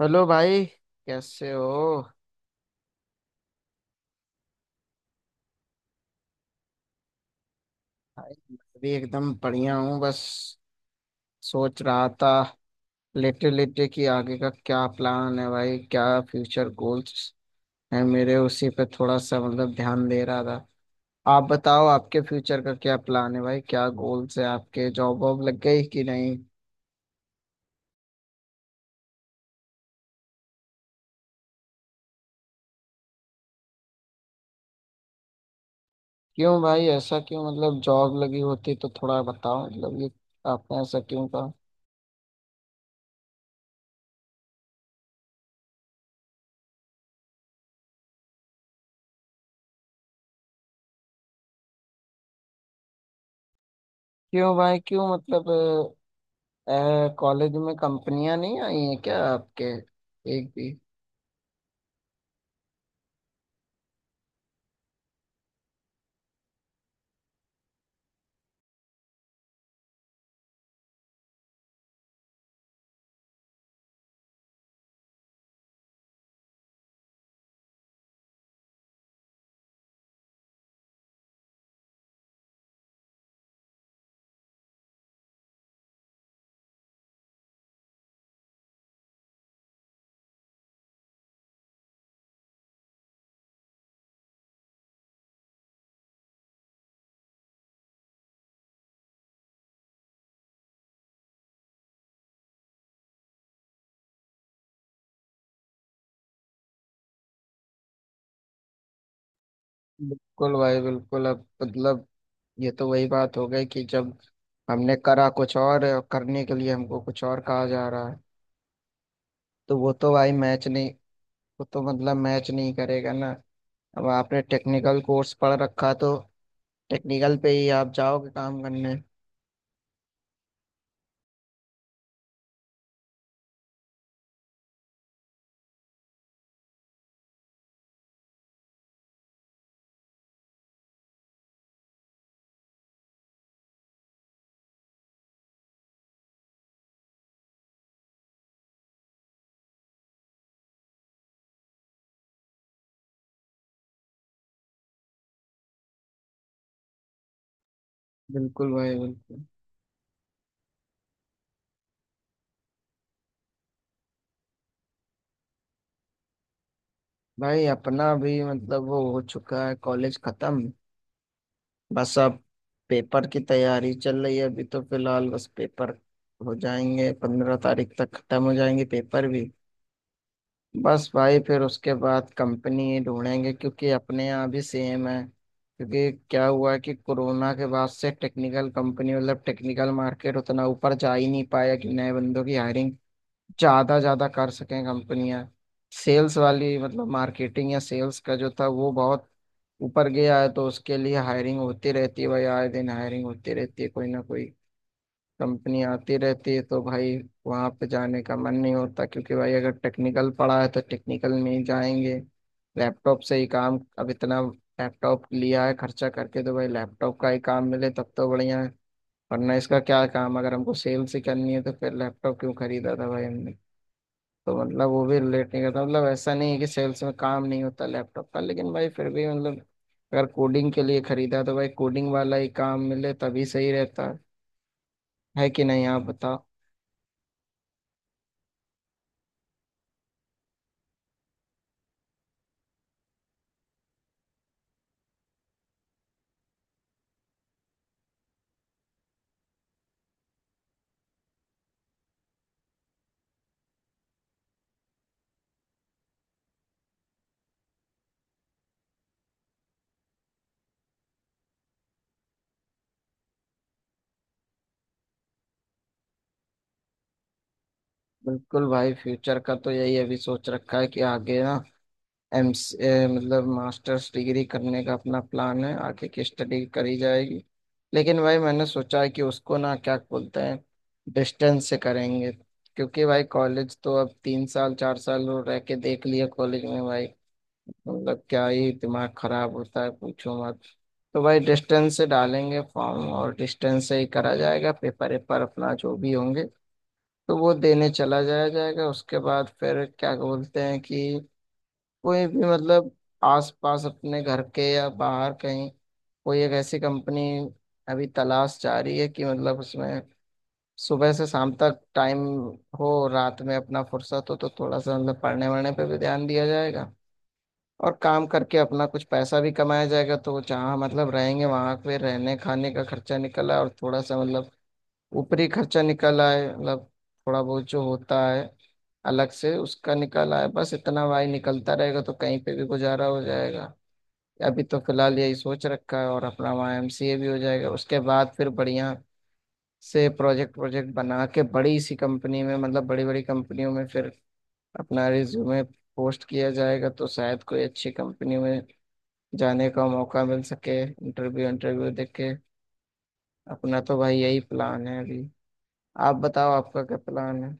Hello भाई। कैसे हो। भाई मैं भी एकदम बढ़िया हूँ। बस सोच रहा था लेटे लेटे कि आगे का क्या प्लान है भाई, क्या फ्यूचर गोल्स है, मेरे उसी पे थोड़ा सा मतलब ध्यान दे रहा था। आप बताओ आपके फ्यूचर का क्या प्लान है भाई, क्या गोल्स है आपके, जॉब वॉब लग गई कि नहीं? क्यों भाई ऐसा क्यों, मतलब जॉब लगी होती तो थोड़ा बताओ, मतलब ये आपने ऐसा क्यों कहा? क्यों भाई क्यों, मतलब कॉलेज में कंपनियां नहीं आई हैं क्या आपके, एक भी? बिल्कुल भाई बिल्कुल। अब मतलब ये तो वही बात हो गई कि जब हमने करा कुछ और करने के लिए हमको कुछ और कहा जा रहा है, तो वो तो भाई मैच नहीं, वो तो मतलब मैच नहीं करेगा ना। अब आपने टेक्निकल कोर्स पढ़ रखा तो टेक्निकल पे ही आप जाओगे काम करने। बिल्कुल भाई बिल्कुल। भाई अपना भी मतलब वो हो चुका है, कॉलेज खत्म। बस अब पेपर की तैयारी चल रही है, अभी तो फिलहाल बस पेपर हो जाएंगे, 15 तारीख तक खत्म हो जाएंगे पेपर भी। बस भाई फिर उसके बाद कंपनी ढूंढेंगे क्योंकि अपने यहाँ भी सेम है। क्योंकि क्या हुआ है कि कोरोना के बाद से टेक्निकल कंपनी, मतलब टेक्निकल मार्केट उतना ऊपर जा ही नहीं पाया कि नए बंदों की हायरिंग ज्यादा ज्यादा कर सकें कंपनियां। सेल्स वाली मतलब मार्केटिंग या सेल्स का जो था वो बहुत ऊपर गया है, तो उसके लिए हायरिंग होती रहती है भाई, आए दिन हायरिंग होती रहती है, कोई ना कोई कंपनी आती रहती है। तो भाई वहां पे जाने का मन नहीं होता, क्योंकि भाई अगर टेक्निकल पढ़ा है तो टेक्निकल में ही जाएंगे। लैपटॉप से ही काम, अब इतना लैपटॉप लिया है खर्चा करके, तो भाई लैपटॉप का ही काम मिले तब तो बढ़िया है, वरना इसका क्या काम? अगर हमको सेल्स ही करनी है तो फिर लैपटॉप क्यों खरीदा था भाई हमने? तो मतलब वो भी रिलेट नहीं करता, मतलब ऐसा नहीं है कि सेल्स में काम नहीं होता लैपटॉप का, लेकिन भाई फिर भी मतलब अगर कोडिंग के लिए खरीदा तो भाई कोडिंग वाला ही काम मिले तभी सही रहता है कि नहीं आप बताओ? बिल्कुल भाई, फ्यूचर का तो यही अभी सोच रखा है कि आगे ना एम मतलब मास्टर्स डिग्री करने का अपना प्लान है, आगे की स्टडी करी जाएगी। लेकिन भाई मैंने सोचा है कि उसको ना क्या बोलते हैं, डिस्टेंस से करेंगे। क्योंकि भाई कॉलेज तो अब 3 साल 4 साल रह के देख लिया कॉलेज में भाई, मतलब क्या ही दिमाग खराब होता है पूछो मत। तो भाई डिस्टेंस से डालेंगे फॉर्म, और डिस्टेंस से ही करा जाएगा पेपर वेपर अपना जो भी होंगे, तो वो देने चला जाया जाएगा। उसके बाद फिर क्या बोलते हैं कि कोई भी मतलब आसपास अपने घर के या बाहर कहीं कोई एक ऐसी कंपनी अभी तलाश जा रही है कि मतलब उसमें सुबह से शाम तक टाइम हो, रात में अपना फुर्सत हो तो थोड़ा सा मतलब पढ़ने वढ़ने पे भी ध्यान दिया जाएगा, और काम करके अपना कुछ पैसा भी कमाया जाएगा। तो जहाँ मतलब रहेंगे वहां पे रहने खाने का खर्चा निकल आए, और थोड़ा सा मतलब ऊपरी खर्चा निकल आए, मतलब थोड़ा बहुत जो होता है अलग से, उसका निकल आए। बस इतना भाई निकलता रहेगा तो कहीं पे भी गुजारा हो जाएगा। अभी तो फिलहाल यही सोच रखा है, और अपना वहाँ एमसीए भी हो जाएगा, उसके बाद फिर बढ़िया से प्रोजेक्ट प्रोजेक्ट बना के बड़ी सी कंपनी में, मतलब बड़ी बड़ी कंपनियों में फिर अपना रिज्यूमे पोस्ट किया जाएगा तो शायद कोई अच्छी कंपनी में जाने का मौका मिल सके इंटरव्यू इंटरव्यू देके। अपना तो भाई यही प्लान है अभी, आप बताओ आपका क्या प्लान है?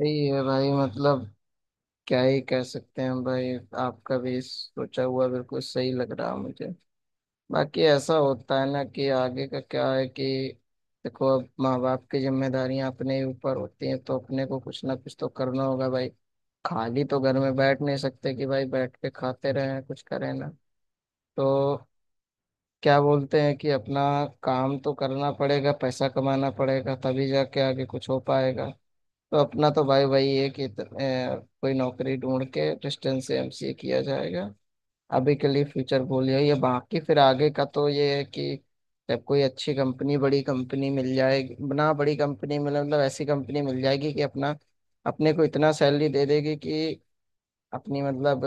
यही है भाई, मतलब क्या ही कह सकते हैं भाई। आपका भी सोचा हुआ बिल्कुल सही लग रहा है मुझे। बाकी ऐसा होता है ना कि आगे का क्या है कि देखो अब माँ बाप की जिम्मेदारियां अपने ही ऊपर होती हैं तो अपने को कुछ ना कुछ तो करना होगा भाई। खाली तो घर में बैठ नहीं सकते कि भाई बैठ के खाते रहें, कुछ करें ना। तो क्या बोलते हैं कि अपना काम तो करना पड़ेगा, पैसा कमाना पड़ेगा तभी जाके आगे कुछ हो पाएगा। तो अपना तो भाई वही है कि कोई नौकरी ढूंढ के डिस्टेंस से एमसीए किया जाएगा अभी के लिए। फ्यूचर गोल यही है, बाकी फिर आगे का तो ये है कि जब कोई अच्छी कंपनी बड़ी कंपनी मिल जाएगी ना, बड़ी कंपनी मिले मतलब ऐसी कंपनी मिल जाएगी कि अपना अपने को इतना सैलरी दे देगी कि अपनी मतलब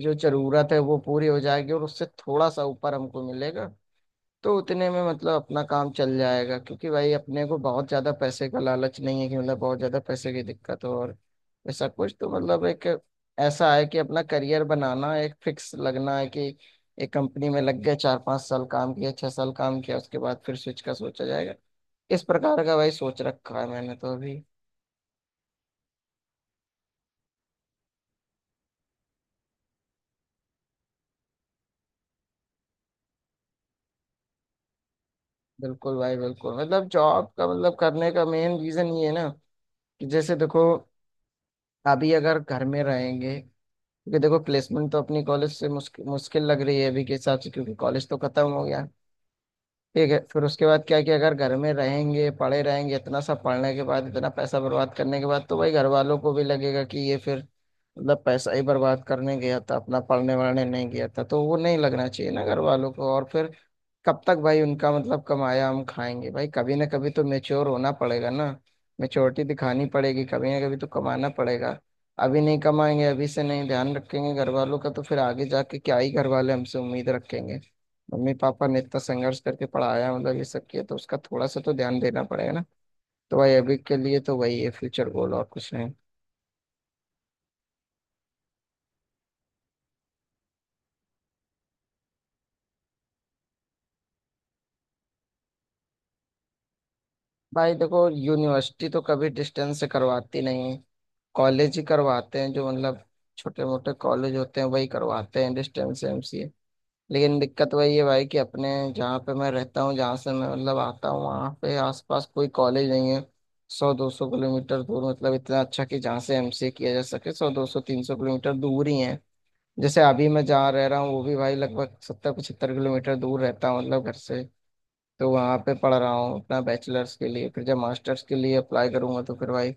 जो जरूरत है वो पूरी हो जाएगी और उससे थोड़ा सा ऊपर हमको मिलेगा। तो उतने में मतलब अपना काम चल जाएगा, क्योंकि भाई अपने को बहुत ज्यादा पैसे का लालच नहीं है कि मतलब बहुत ज्यादा पैसे की दिक्कत हो और ऐसा कुछ, तो मतलब एक ऐसा है कि अपना करियर बनाना एक फिक्स लगना है कि एक कंपनी में लग गए, 4, 5 साल काम किया, 6 साल काम किया, उसके बाद फिर स्विच का सोचा जाएगा। इस प्रकार का भाई सोच रखा है मैंने तो अभी। बिल्कुल भाई बिल्कुल, मतलब जॉब का मतलब करने का मेन रीजन ये है ना कि जैसे देखो अभी अगर घर में रहेंगे, क्योंकि देखो प्लेसमेंट तो अपनी कॉलेज से मुश्किल मुश्किल लग रही है अभी के हिसाब से, क्योंकि कॉलेज तो खत्म हो गया, ठीक है। फिर उसके बाद क्या है कि अगर घर में रहेंगे पढ़े रहेंगे, इतना सब पढ़ने के बाद, इतना पैसा बर्बाद करने के बाद तो भाई घर वालों को भी लगेगा कि ये फिर मतलब पैसा ही बर्बाद करने गया था, अपना पढ़ने वढ़ने नहीं गया था, तो वो नहीं लगना चाहिए ना घर वालों को। और फिर कब तक भाई उनका मतलब कमाया हम खाएंगे? भाई कभी ना कभी तो मेच्योर होना पड़ेगा ना, मेच्योरिटी दिखानी पड़ेगी, कभी ना कभी तो कमाना पड़ेगा। अभी नहीं कमाएंगे, अभी से नहीं ध्यान रखेंगे घर वालों का, तो फिर आगे जाके क्या ही घर वाले हमसे उम्मीद रखेंगे? मम्मी पापा ने इतना संघर्ष करके पढ़ाया, मतलब ये सब किया, तो उसका थोड़ा सा तो ध्यान देना पड़ेगा ना। तो भाई अभी के लिए तो वही है फ्यूचर गोल, और कुछ नहीं। भाई देखो यूनिवर्सिटी तो कभी डिस्टेंस से करवाती नहीं, कॉलेज ही करवाते हैं। जो मतलब छोटे मोटे कॉलेज होते हैं वही करवाते हैं डिस्टेंस एमसीए। लेकिन दिक्कत वही है भाई कि अपने जहाँ पे मैं रहता हूँ, जहाँ से मैं मतलब आता हूँ, वहाँ पे आसपास कोई कॉलेज नहीं है। 100, 200 किलोमीटर दूर, मतलब इतना अच्छा कि जहाँ से एमसीए किया जा सके, 100, 200, 300 किलोमीटर दूर ही है। जैसे अभी मैं जहाँ रह रहा हूँ वो भी भाई लगभग 70, 75 किलोमीटर दूर रहता हूँ, मतलब घर से। तो वहाँ पे पढ़ रहा हूँ अपना बैचलर्स के लिए, फिर जब मास्टर्स के लिए अप्लाई करूंगा तो फिर भाई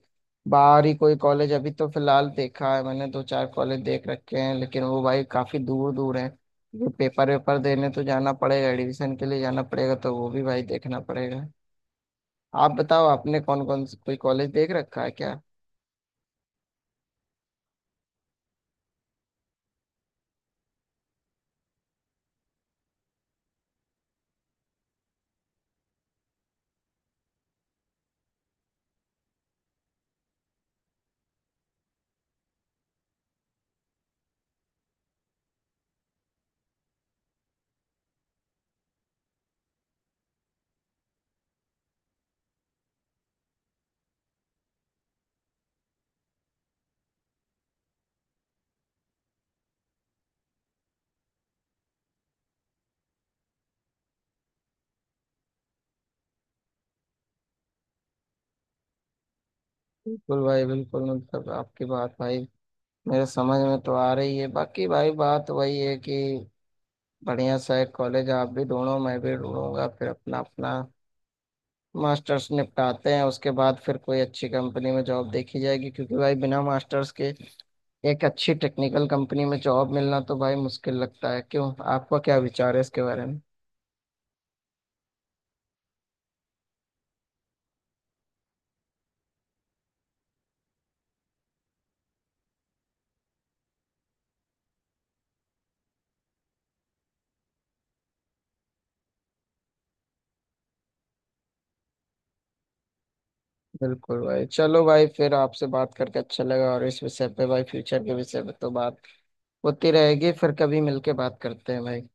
बाहर ही कोई कॉलेज, अभी तो फिलहाल देखा है मैंने, दो चार कॉलेज देख रखे हैं, लेकिन वो भाई काफ़ी दूर दूर है क्योंकि पेपर वेपर देने तो जाना पड़ेगा, एडमिशन के लिए जाना पड़ेगा, तो वो भी भाई देखना पड़ेगा। आप बताओ आपने कौन कौन कोई कॉलेज देख रखा है क्या? बिल्कुल भाई बिल्कुल, मतलब आपकी बात भाई मेरे समझ में तो आ रही है। बाकी भाई बात वही है कि बढ़िया सा एक कॉलेज आप भी ढूंढो मैं भी ढूंढूंगा, फिर अपना अपना मास्टर्स निपटाते हैं, उसके बाद फिर कोई अच्छी कंपनी में जॉब देखी जाएगी, क्योंकि भाई बिना मास्टर्स के एक अच्छी टेक्निकल कंपनी में जॉब मिलना तो भाई मुश्किल लगता है। क्यों, आपका क्या विचार है इसके बारे में? बिल्कुल भाई। चलो भाई फिर आपसे बात करके अच्छा लगा, और इस विषय पे भाई फ्यूचर के विषय पे तो बात होती रहेगी, फिर कभी मिलके बात करते हैं भाई।